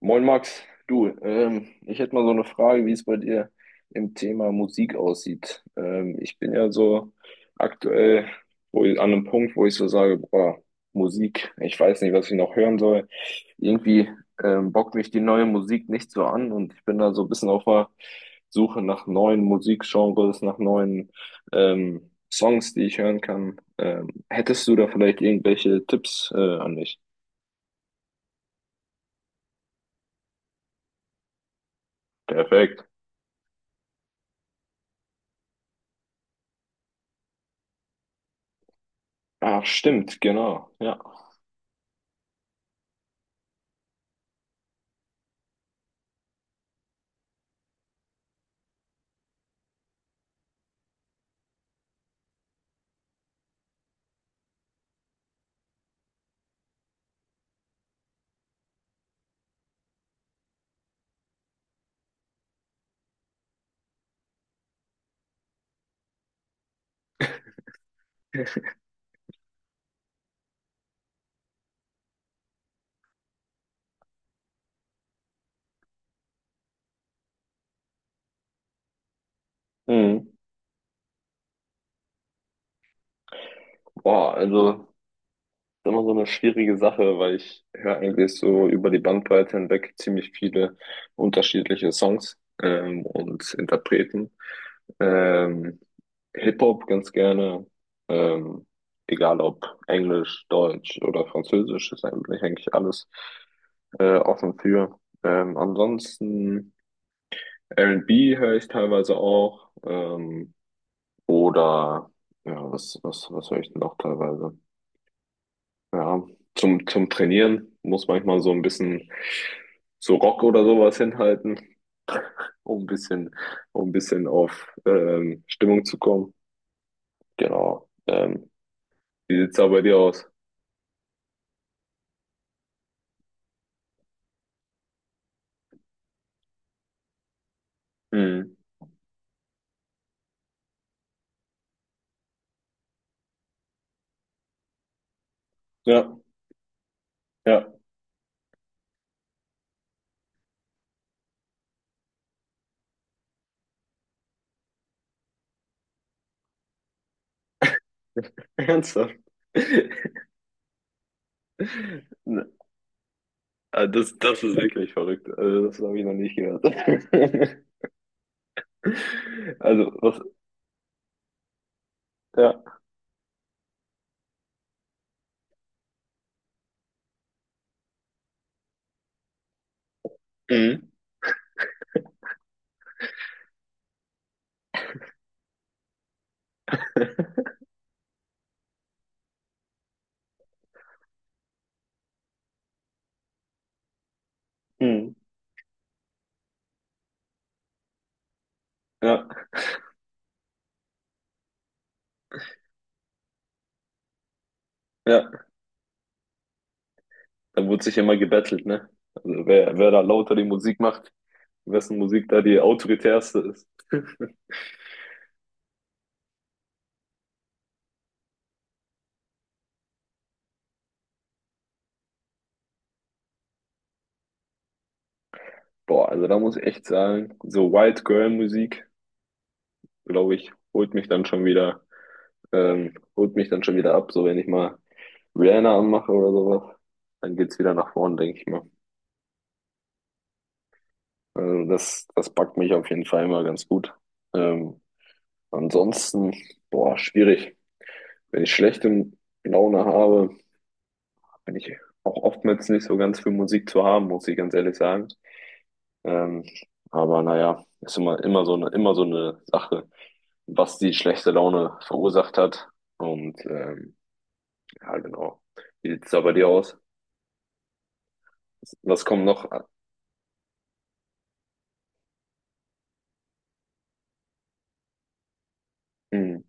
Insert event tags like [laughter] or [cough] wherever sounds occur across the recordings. Moin Max, du, ich hätte mal so eine Frage, wie es bei dir im Thema Musik aussieht. Ich bin ja so aktuell an einem Punkt, wo ich so sage, boah, Musik, ich weiß nicht, was ich noch hören soll. Irgendwie bockt mich die neue Musik nicht so an und ich bin da so ein bisschen auf der Suche nach neuen Musikgenres, nach neuen Songs, die ich hören kann. Hättest du da vielleicht irgendwelche Tipps an mich? Perfekt. Ach, stimmt, genau. Ja. Mhm. Boah, also das ist immer so eine schwierige Sache, weil ich höre eigentlich so über die Bandbreite hinweg ziemlich viele unterschiedliche Songs und Interpreten. Ähm, Hip-Hop ganz gerne, ähm, egal ob Englisch, Deutsch oder Französisch, ist eigentlich alles offen für. Ansonsten R&B höre ich teilweise auch oder ja, was höre ich denn auch teilweise? Ja, zum Trainieren muss manchmal so ein bisschen so Rock oder sowas hinhalten, um ein bisschen, um ein bisschen auf Stimmung zu kommen. Genau. Wie sieht's da bei dir aus? Mhm. Ja, ja. Ernsthaft? [laughs] Ne, ah, Das ist wirklich verrückt. Also, das habe ich noch nicht gehört. [laughs] Also, was, ja. Mhm. [laughs] Mhm. Ja, ja. Da wurde sich immer gebettelt, ne? Also, wer da lauter die Musik macht, wessen Musik da die autoritärste ist. [laughs] Boah, also da muss ich echt sagen, so White Girl Musik, glaube ich, holt mich dann schon wieder ab. So wenn ich mal Rihanna anmache oder sowas, dann geht's wieder nach vorn, denke ich mal. Also das packt mich auf jeden Fall immer ganz gut. Ähm, Ansonsten, boah, schwierig. Wenn ich schlechte Laune habe, bin ich auch oftmals nicht so ganz für Musik zu haben, muss ich ganz ehrlich sagen. Ähm, aber naja, ist immer so eine Sache, was die schlechte Laune verursacht hat. Und ja, genau. Wie sieht's da bei dir aus? Was kommt noch? Ah, Hm,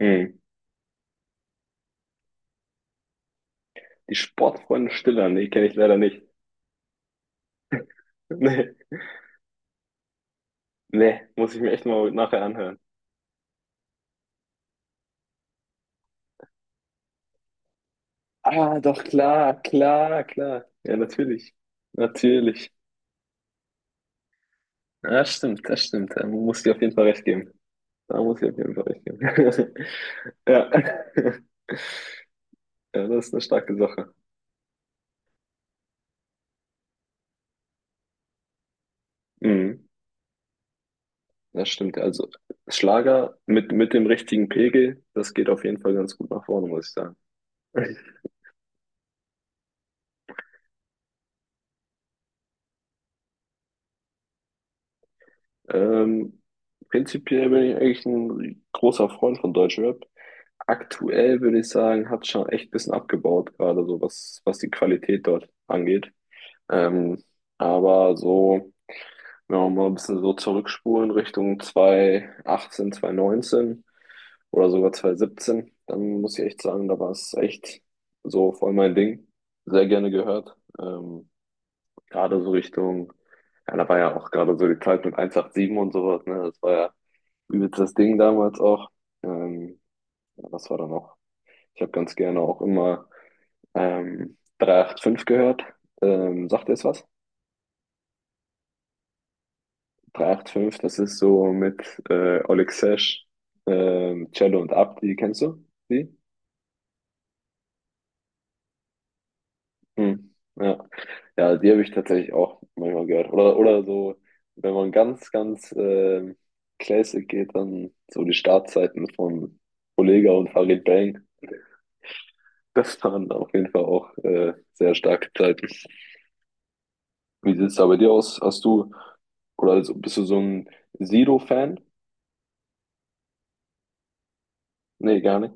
hm. Die Sportfreunde Stiller, nee, kenne ich leider nicht. [laughs] Nee, nee, muss ich mir echt mal nachher anhören. Ah, doch, klar, klar, klar. Ja, natürlich. Natürlich. Ja, stimmt, das stimmt. Da muss ich auf jeden Fall recht geben. Da muss ich auf jeden Fall recht geben. [laughs] Ja. [laughs] Ja, das ist eine starke Sache. Mhm. Das stimmt. Also Schlager mit dem richtigen Pegel, das geht auf jeden Fall ganz gut nach vorne, muss ich sagen. [laughs] Ähm, Prinzipiell bin ich eigentlich ein großer Freund von Deutschrap. Aktuell würde ich sagen, hat schon echt ein bisschen abgebaut, gerade so was, was die Qualität dort angeht. Ähm, aber so. Ja, um mal ein bisschen so zurückspulen Richtung 2018, 2019 oder sogar 2017. Dann muss ich echt sagen, da war es echt so voll mein Ding. Sehr gerne gehört. Gerade so Richtung, ja, da war ja auch gerade so die Zeit mit 187 und sowas, ne? Das war ja übelst das Ding damals auch. Ähm, ja, was war da noch? Ich habe ganz gerne auch immer 385 gehört. Sagt ihr es was? 385, das ist so mit Oleg Sesh, Cello und Abdi, kennst du die? Hm. Ja. Ja, die habe ich tatsächlich auch manchmal gehört. Oder so, wenn man ganz, ganz Classic geht, dann so die Startzeiten von Olega und Farid Bang. Das waren auf jeden Fall auch sehr starke Zeiten. Wie sieht es da bei dir aus? Hast du, oder also bist du so ein Sido-Fan? Nee, gar nicht.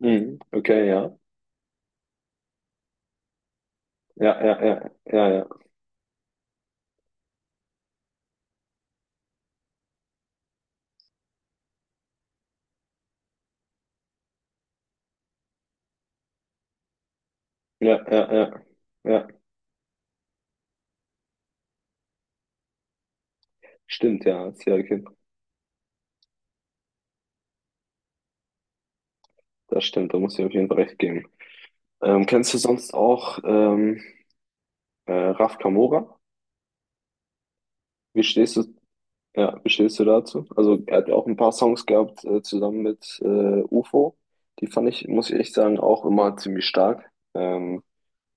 Mhm. Okay, ja. Ja, ja, ja, ja, ja. Ja, ja, ja. Ja, stimmt, ja. Serial Kid. Das stimmt, da muss ich auf jeden Fall recht geben. Kennst du sonst auch Raf Kamora? Wie stehst du, ja, wie stehst du dazu? Also er hat ja auch ein paar Songs gehabt zusammen mit UFO. Die fand ich, muss ich echt sagen, auch immer ziemlich stark. Ähm,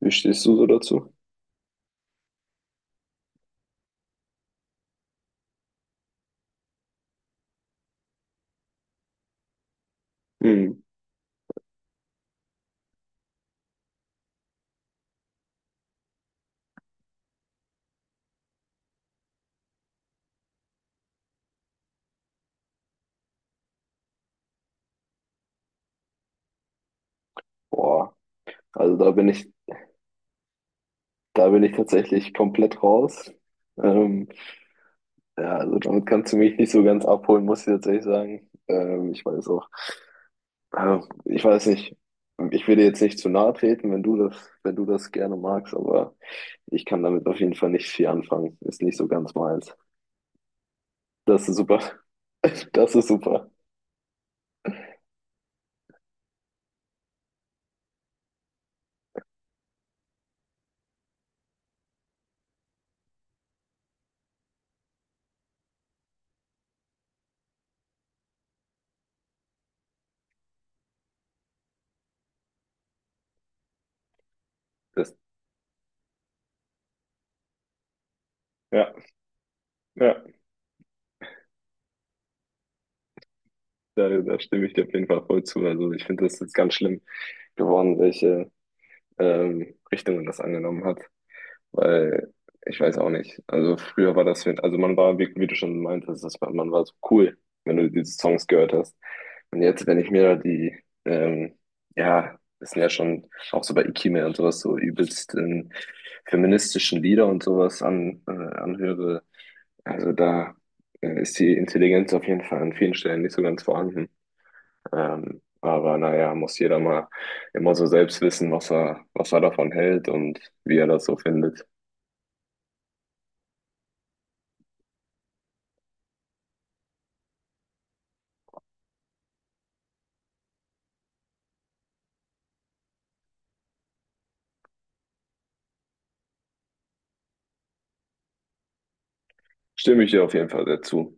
Wie stehst du so dazu? Hm. Boah, also da bin ich tatsächlich komplett raus. Ähm, ja, also damit kannst du mich nicht so ganz abholen, muss ich tatsächlich sagen. Ich weiß auch. Also, ich weiß nicht. Ich will dir jetzt nicht zu nahe treten, wenn du das gerne magst, aber ich kann damit auf jeden Fall nicht viel anfangen. Ist nicht so ganz meins. Das ist super. [laughs] Das ist super. Das, ja, ja, da stimme ich dir auf jeden Fall voll zu. Also ich finde das jetzt ganz schlimm geworden, welche Richtungen das angenommen hat. Weil ich weiß auch nicht. Also früher war das, also man war, wie du schon meintest, das war, man war so cool, wenn du diese Songs gehört hast. Und jetzt, wenn ich mir da die, ähm, ja, das sind ja schon auch so bei Ikime und sowas, so übelst feministischen Lieder und sowas an, anhöre, also da ist die Intelligenz auf jeden Fall an vielen Stellen nicht so ganz vorhanden. Aber naja, muss jeder mal immer so selbst wissen, was er davon hält und wie er das so findet. Stimme ich dir auf jeden Fall dazu.